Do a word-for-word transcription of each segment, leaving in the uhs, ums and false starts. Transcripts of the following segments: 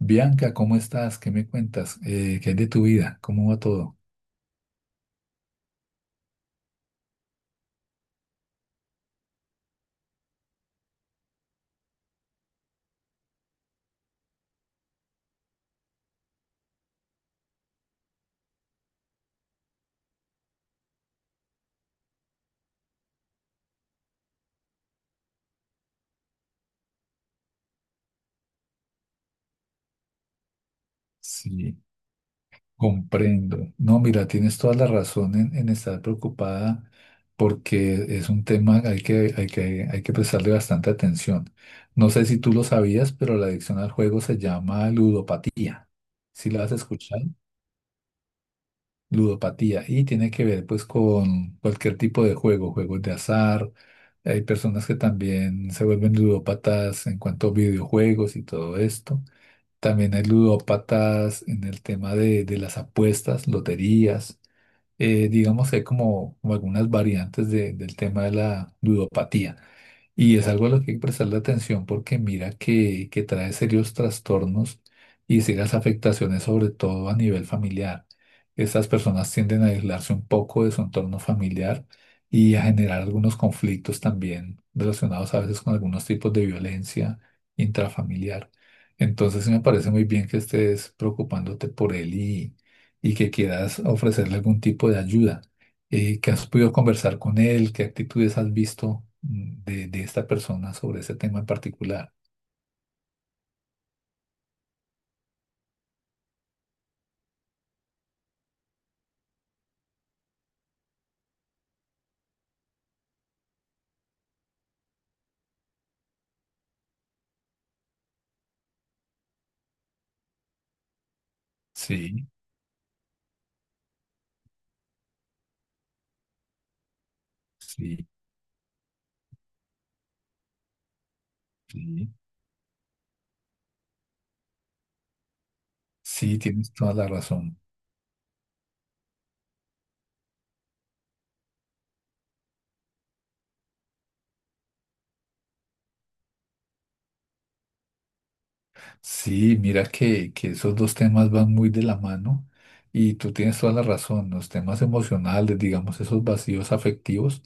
Bianca, ¿cómo estás? ¿Qué me cuentas? Eh, ¿qué hay de tu vida? ¿Cómo va todo? Sí, comprendo. No, mira, tienes toda la razón en, en estar preocupada porque es un tema al que hay que, hay que prestarle bastante atención. No sé si tú lo sabías, pero la adicción al juego se llama ludopatía. ¿Sí la has escuchado? Ludopatía, y tiene que ver pues con cualquier tipo de juego, juegos de azar. Hay personas que también se vuelven ludópatas en cuanto a videojuegos y todo esto. También hay ludópatas en el tema de, de las apuestas, loterías. Eh, digamos que hay como, como algunas variantes de- del tema de la ludopatía. Y es algo a lo que hay que prestarle atención porque mira que, que trae serios trastornos y serias afectaciones, sobre todo a nivel familiar. Estas personas tienden a aislarse un poco de su entorno familiar y a generar algunos conflictos también relacionados a veces con algunos tipos de violencia intrafamiliar. Entonces sí me parece muy bien que estés preocupándote por él y, y que quieras ofrecerle algún tipo de ayuda, eh, que has podido conversar con él, qué actitudes has visto, mm, de, de esta persona sobre ese tema en particular. Sí, sí, sí, sí, tienes toda la razón. Sí, mira que, que esos dos temas van muy de la mano y tú tienes toda la razón. Los temas emocionales, digamos, esos vacíos afectivos,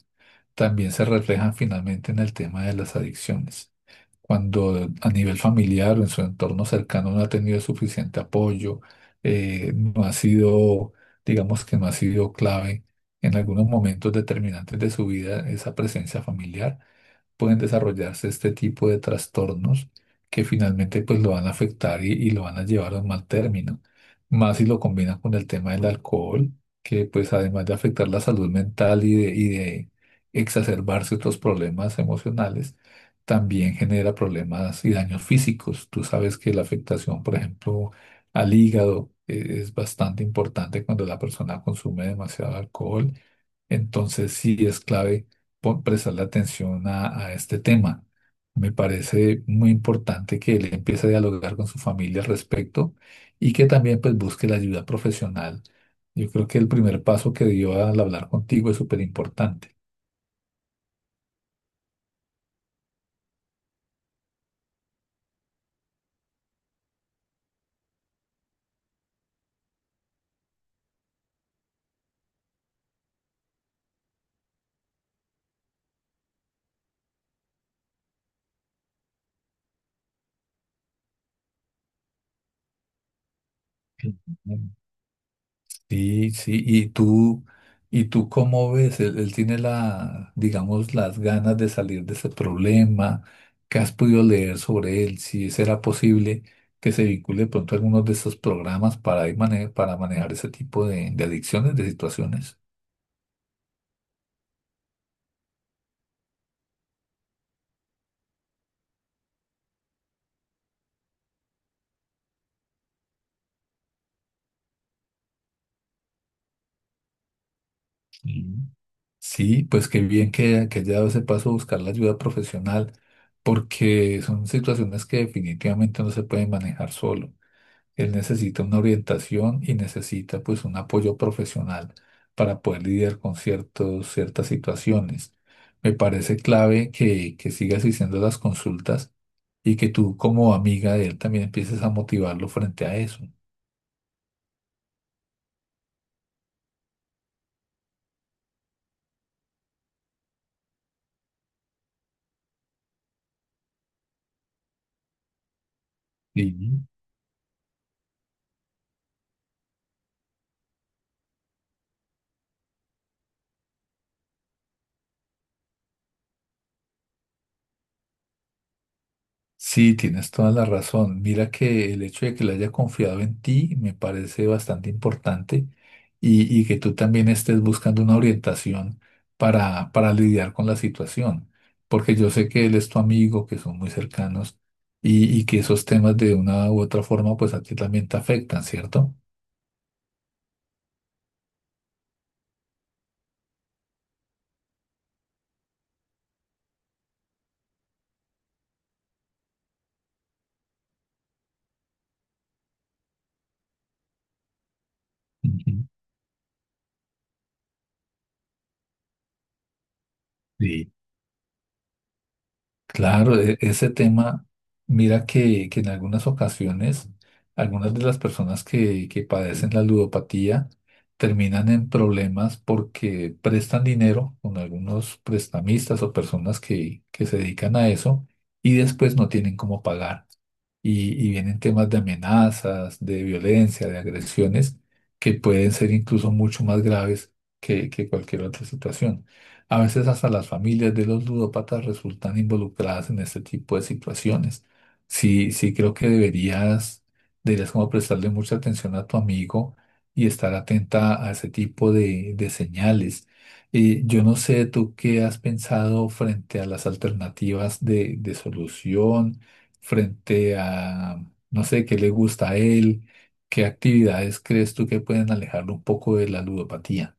también se reflejan finalmente en el tema de las adicciones. Cuando a nivel familiar o en su entorno cercano no ha tenido suficiente apoyo, eh, no ha sido, digamos que no ha sido clave en algunos momentos determinantes de su vida, esa presencia familiar, pueden desarrollarse este tipo de trastornos que finalmente pues lo van a afectar y, y lo van a llevar a un mal término. Más si lo combinan con el tema del alcohol, que pues además de afectar la salud mental y de, y de exacerbarse otros problemas emocionales, también genera problemas y daños físicos. Tú sabes que la afectación, por ejemplo, al hígado, eh, es bastante importante cuando la persona consume demasiado alcohol. Entonces sí es clave po- prestarle atención a, a este tema. Me parece muy importante que él empiece a dialogar con su familia al respecto y que también pues busque la ayuda profesional. Yo creo que el primer paso que dio al hablar contigo es súper importante. Sí, sí, y tú, y tú cómo ves, él, él tiene la, digamos, las ganas de salir de ese problema, ¿qué has podido leer sobre él? Si será posible que se vincule de pronto a algunos de esos programas para ir mane- para manejar ese tipo de, de adicciones, de situaciones. Mm. Sí, pues qué bien que, que haya dado ese paso a buscar la ayuda profesional, porque son situaciones que definitivamente no se pueden manejar solo. Él necesita una orientación y necesita pues un apoyo profesional para poder lidiar con ciertos, ciertas situaciones. Me parece clave que, que sigas haciendo las consultas y que tú como amiga de él también empieces a motivarlo frente a eso. Sí. Sí, tienes toda la razón. Mira que el hecho de que le haya confiado en ti me parece bastante importante y, y que tú también estés buscando una orientación para, para lidiar con la situación, porque yo sé que él es tu amigo, que son muy cercanos y, y que esos temas de una u otra forma pues a ti también te afectan, ¿cierto? Ujú. Sí. Claro, e- ese tema, mira que, que en algunas ocasiones, algunas de las personas que, que padecen la ludopatía terminan en problemas porque prestan dinero con algunos prestamistas o personas que, que se dedican a eso y después no tienen cómo pagar. Y, y vienen temas de amenazas, de violencia, de agresiones que pueden ser incluso mucho más graves que, que cualquier otra situación. A veces hasta las familias de los ludópatas resultan involucradas en este tipo de situaciones. Sí, sí creo que deberías, deberías como prestarle mucha atención a tu amigo y estar atenta a ese tipo de, de señales. Y yo no sé tú qué has pensado frente a las alternativas de, de solución, frente a, no sé, qué le gusta a él, qué actividades crees tú que pueden alejarlo un poco de la ludopatía.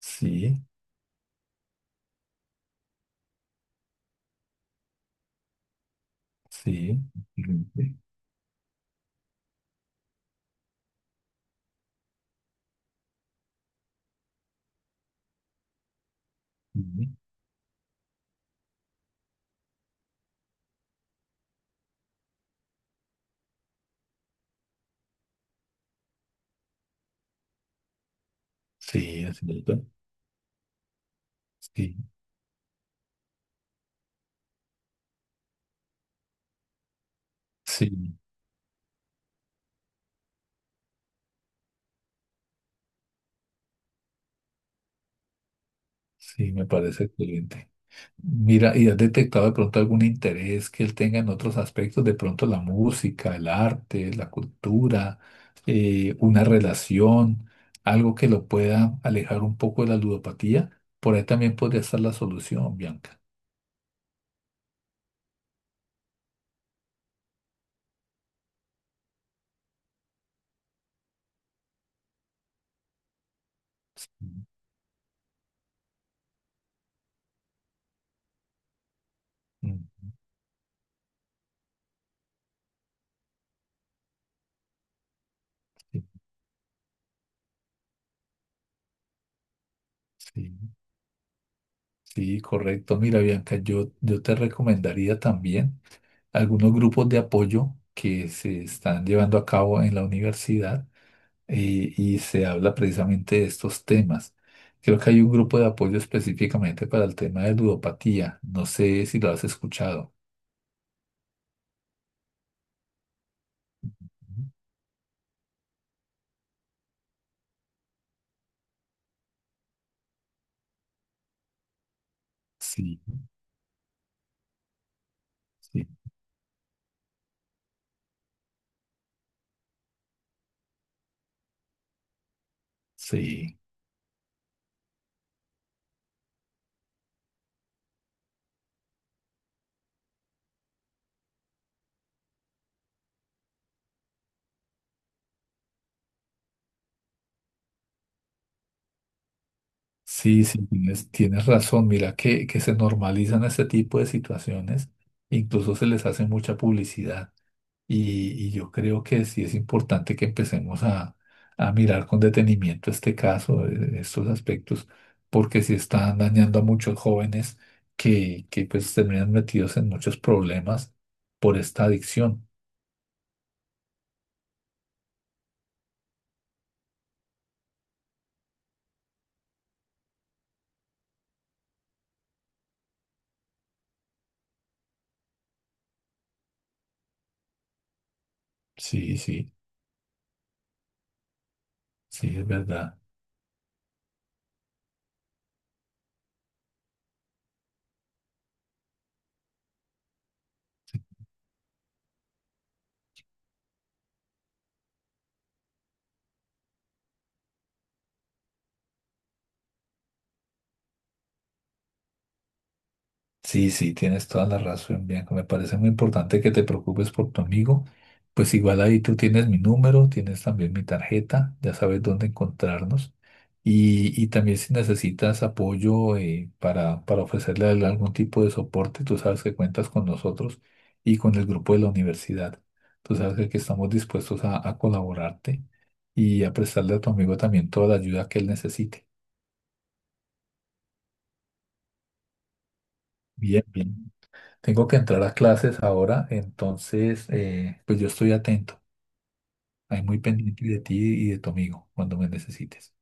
Sí, sí. Ujú. Ujú. Sí, así es, ¿verdad? Sí, sí, sí, me parece excelente. Mira, ¿y has detectado de pronto algún interés que él tenga en otros aspectos? De pronto la música, el arte, la cultura, eh, una relación, algo que lo pueda alejar un poco de la ludopatía. Por ahí también podría estar la solución, Bianca. Mm, mm, sí, sí, sí, correcto. Mira, Bianca, yo, yo te recomendaría también algunos grupos de apoyo que se están llevando a cabo en la universidad, eh, y se habla precisamente de estos temas. Creo que hay un grupo de apoyo específicamente para el tema de ludopatía. No sé si lo has escuchado. Sí, sí, sí, sí, sí, tienes, tienes razón. Mira que, que se normalizan este tipo de situaciones, incluso se les hace mucha publicidad. Y, y yo creo que sí es importante que empecemos a, a mirar con detenimiento este caso, eh, estos aspectos, porque sí están dañando a muchos jóvenes que, que pues terminan metidos en muchos problemas por esta adicción. Sí, sí, sí, es verdad. Sí, sí, tienes toda la razón, Bianca. Me parece muy importante que te preocupes por tu amigo. Pues igual ahí tú tienes mi número, tienes también mi tarjeta, ya sabes dónde encontrarnos. Y, y también si necesitas apoyo, eh, para, para ofrecerle a él algún tipo de soporte, tú sabes que cuentas con nosotros y con el grupo de la universidad. Tú sabes que aquí estamos dispuestos a, a colaborarte y a prestarle a tu amigo también toda la ayuda que él necesite. Bien, bien. Tengo que entrar a clases ahora, entonces eh, pues yo estoy atento, ahí muy pendiente de ti y de tu amigo cuando me necesites.